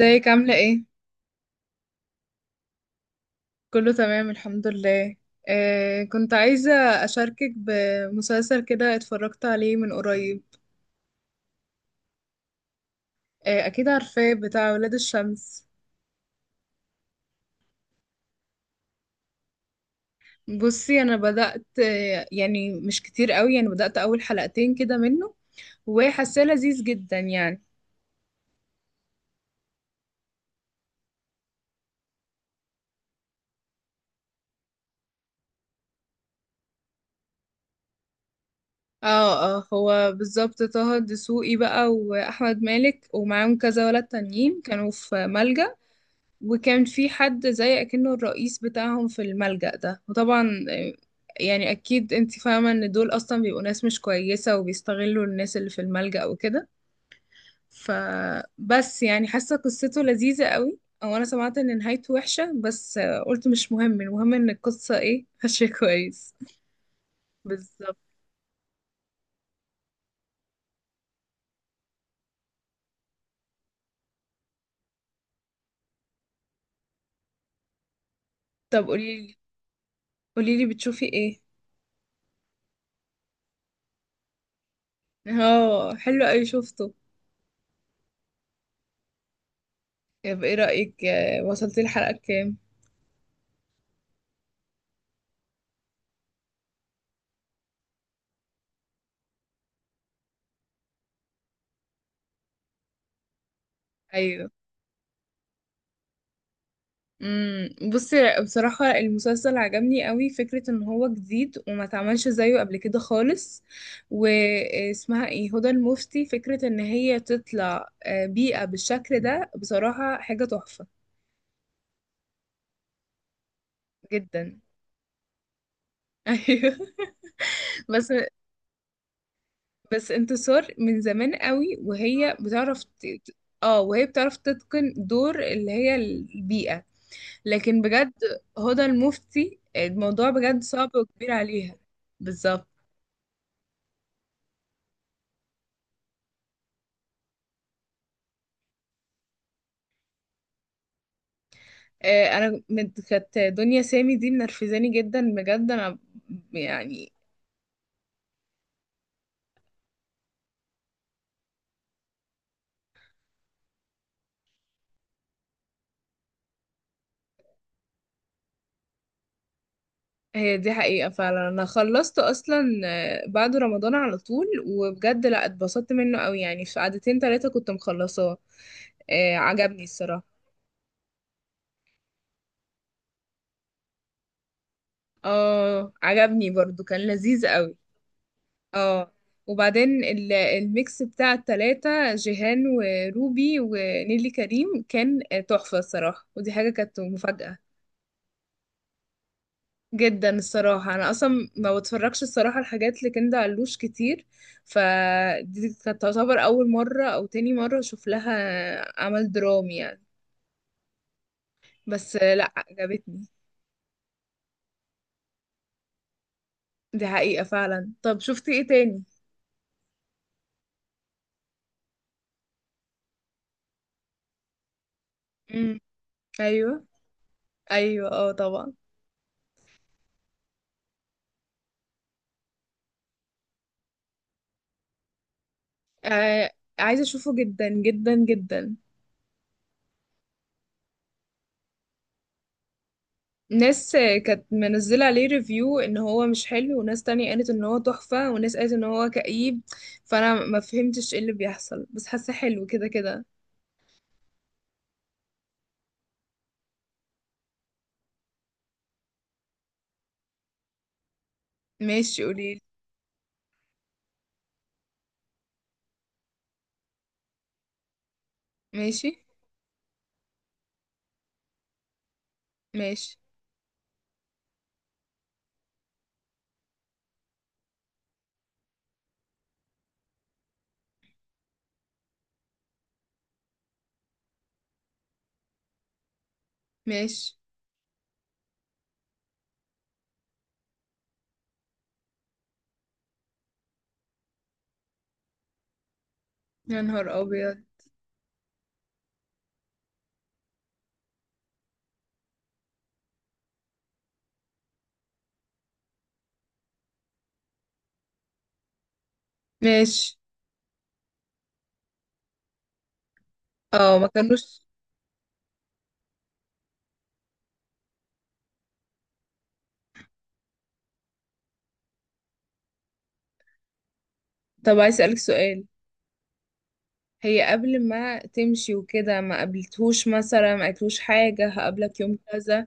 ازيك عاملة ايه؟ كله تمام الحمد لله. كنت عايزة أشاركك بمسلسل كده، اتفرجت عليه من قريب. أكيد عارفاه، بتاع ولاد الشمس. بصي، أنا بدأت يعني مش كتير قوي، يعني بدأت أول حلقتين كده منه، وحاساه لذيذ جدا يعني. اه اه، هو بالظبط طه الدسوقي بقى وأحمد مالك ومعاهم كذا ولد تانيين كانوا في ملجأ. وكان في حد زي اكنه الرئيس بتاعهم في الملجأ ده، وطبعا يعني اكيد انت فاهمة ان دول اصلا بيبقوا ناس مش كويسة وبيستغلوا الناس اللي في الملجأ وكده. فبس يعني حاسة قصته لذيذة قوي، او انا سمعت ان نهايته وحشة، بس قلت مش مهم، المهم ان القصة ايه ماشية كويس. بالظبط. طب قوليلي، قوليلي بتشوفي ايه. اه حلو قوي، شفته. طب ايه رأيك، وصلتي الحلقة كام؟ ايوه. امم، بصي بصراحة المسلسل عجبني قوي، فكرة ان هو جديد وما اتعملش زيه قبل كده خالص. واسمها ايه، هدى المفتي، فكرة ان هي تطلع بيئة بالشكل ده بصراحة حاجة تحفة. جدا. ايوه. بس انتصار من زمان قوي وهي بتعرف اه، وهي بتعرف تتقن دور اللي هي البيئة. لكن بجد هدى المفتي الموضوع بجد صعب وكبير عليها. بالظبط. كانت دنيا سامي دي منرفزاني جدا بجد انا يعني. هي دي حقيقة فعلا. انا خلصت اصلا بعد رمضان على طول، وبجد لا، اتبسطت منه قوي، يعني في قعدتين تلاتة كنت مخلصاه. عجبني الصراحة. اه عجبني برضو، كان لذيذ قوي. اه وبعدين الميكس بتاع التلاتة جيهان وروبي ونيلي كريم كان تحفة الصراحة، ودي حاجة كانت مفاجأة. جدا الصراحة. أنا أصلا ما بتفرجش الصراحة الحاجات لكندا علوش كتير، فدي كانت تعتبر أول مرة أو تاني مرة أشوف لها عمل درامي يعني. بس لأ، عجبتني. دي حقيقة فعلا. طب شفتي ايه تاني؟ مم. أيوه. أيوه اه طبعا. آه عايزة أشوفه جدا جدا جدا. ناس كانت منزلة عليه ريفيو ان هو مش حلو، وناس تانية قالت ان هو تحفة، وناس قالت ان هو كئيب، فانا ما فهمتش ايه اللي بيحصل، بس حاسة حلو كده كده. ماشي قوليلي. ماشي. ماشي. ماشي. يا نهار أبيض. ماشي. اه ما كانوش. طب عايز أسألك سؤال. هي قبل ما تمشي وكده ما قابلتهوش مثلا، ما قالتلوش حاجة هقابلك يوم كذا؟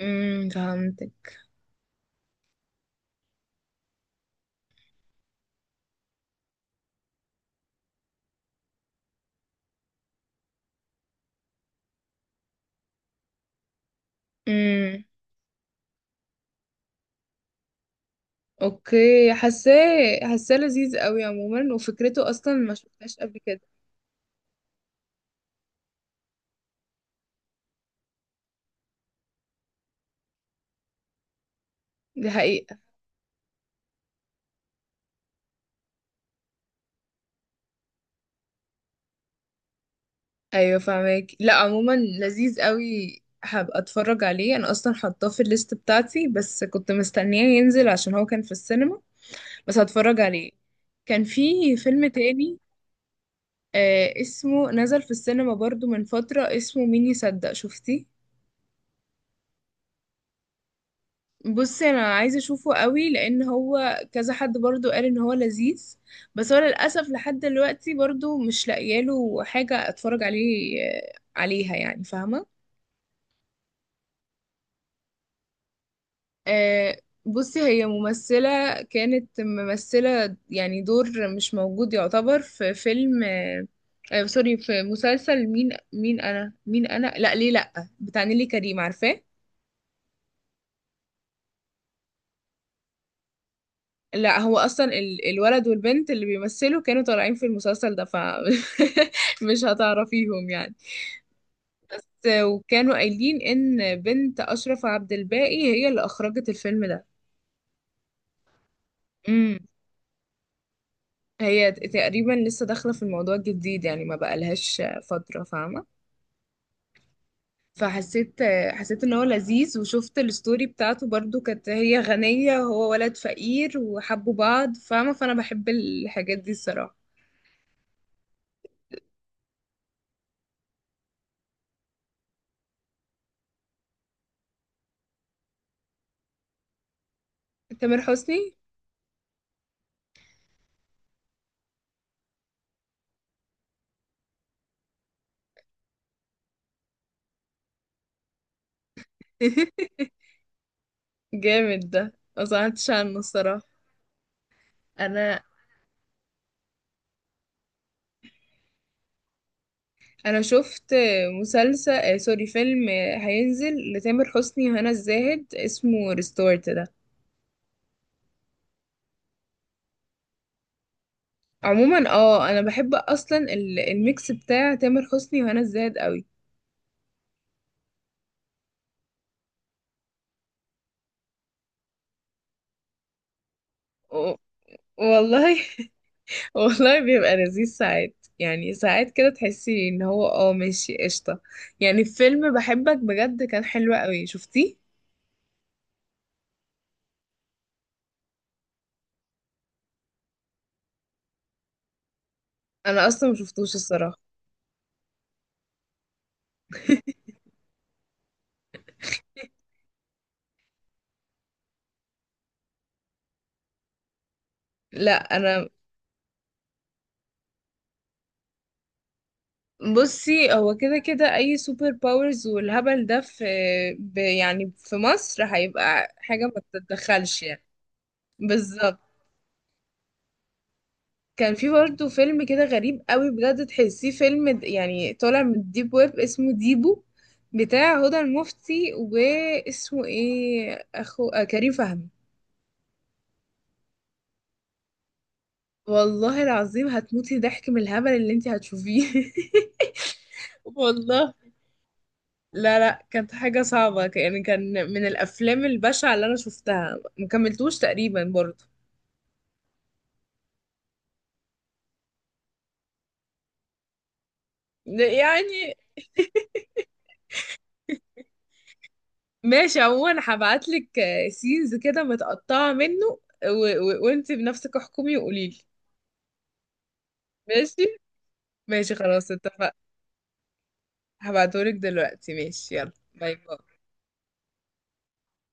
امم، فهمتك. امم. اوكي، حاساه، حاساه لذيذ قوي عموما، وفكرته اصلا ما شفتهاش قبل كده. دي حقيقة. ايوه فاهمك. لا عموما لذيذ قوي، هبقى اتفرج عليه. انا اصلا حاطاه في الليست بتاعتي، بس كنت مستنياه ينزل عشان هو كان في السينما. بس هتفرج عليه. كان في فيلم تاني آه، اسمه نزل في السينما برضو من فترة، اسمه مين يصدق. شفتي؟ بصي انا عايزه اشوفه قوي لان هو كذا حد برضو قال ان هو لذيذ، بس هو للاسف لحد دلوقتي برضو مش لاقياله حاجه اتفرج عليه عليها يعني، فاهمه. آه، بصي هي ممثلة، كانت ممثلة يعني دور مش موجود يعتبر في فيلم سوري، في مسلسل مين أنا، مين أنا، لا ليه لا، بتاع نيلي كريم، عارفاه. لا هو أصلا الولد والبنت اللي بيمثلوا كانوا طالعين في المسلسل ده، ف مش هتعرفيهم يعني. وكانوا قايلين إن بنت أشرف عبد الباقي هي اللي أخرجت الفيلم ده. هي تقريبا لسه داخلة في الموضوع الجديد يعني، ما بقالهاش فترة فاهمة. فحسيت، حسيت ان هو لذيذ، وشفت الستوري بتاعته برضو، كانت هي غنية وهو ولد فقير وحبوا بعض فاهمة. فانا بحب الحاجات دي الصراحة. تامر حسني. جامد ده، ما سمعتش عنه الصراحة. انا شفت مسلسل سوري، فيلم هينزل لتامر حسني وهنا الزاهد اسمه ريستورت. عموما اه انا بحب اصلا الميكس بتاع تامر حسني وهنا الزاهد قوي. و- والله والله بيبقى لذيذ ساعات، يعني ساعات كده تحسي ان هو اه ماشي قشطه. يعني فيلم بحبك بجد كان حلو قوي، شفتيه؟ انا اصلا ما شفتوش الصراحه. لا انا، بصي هو كده كده اي سوبر باورز والهبل ده في، يعني في مصر هيبقى حاجه ما تتدخلش يعني. بالظبط. كان في برضه فيلم كده غريب قوي بجد، تحسيه فيلم يعني طالع من الديب ويب، اسمه ديبو، بتاع هدى المفتي، واسمه ايه، اخو كريم فهمي. والله العظيم هتموتي ضحك من الهبل اللي انت هتشوفيه. والله. لا لا، كانت حاجة صعبة يعني، كان من الأفلام البشعة اللي أنا شفتها، مكملتوش تقريبا برضه. ده يعني، ماشي. عموما هبعتلك سينز كده متقطعة منه، وانت بنفسك احكمي وقوليلي. ماشي. ماشي خلاص، اتفقنا. هبعتهولك دلوقتي. ماشي، يلا، باي باي.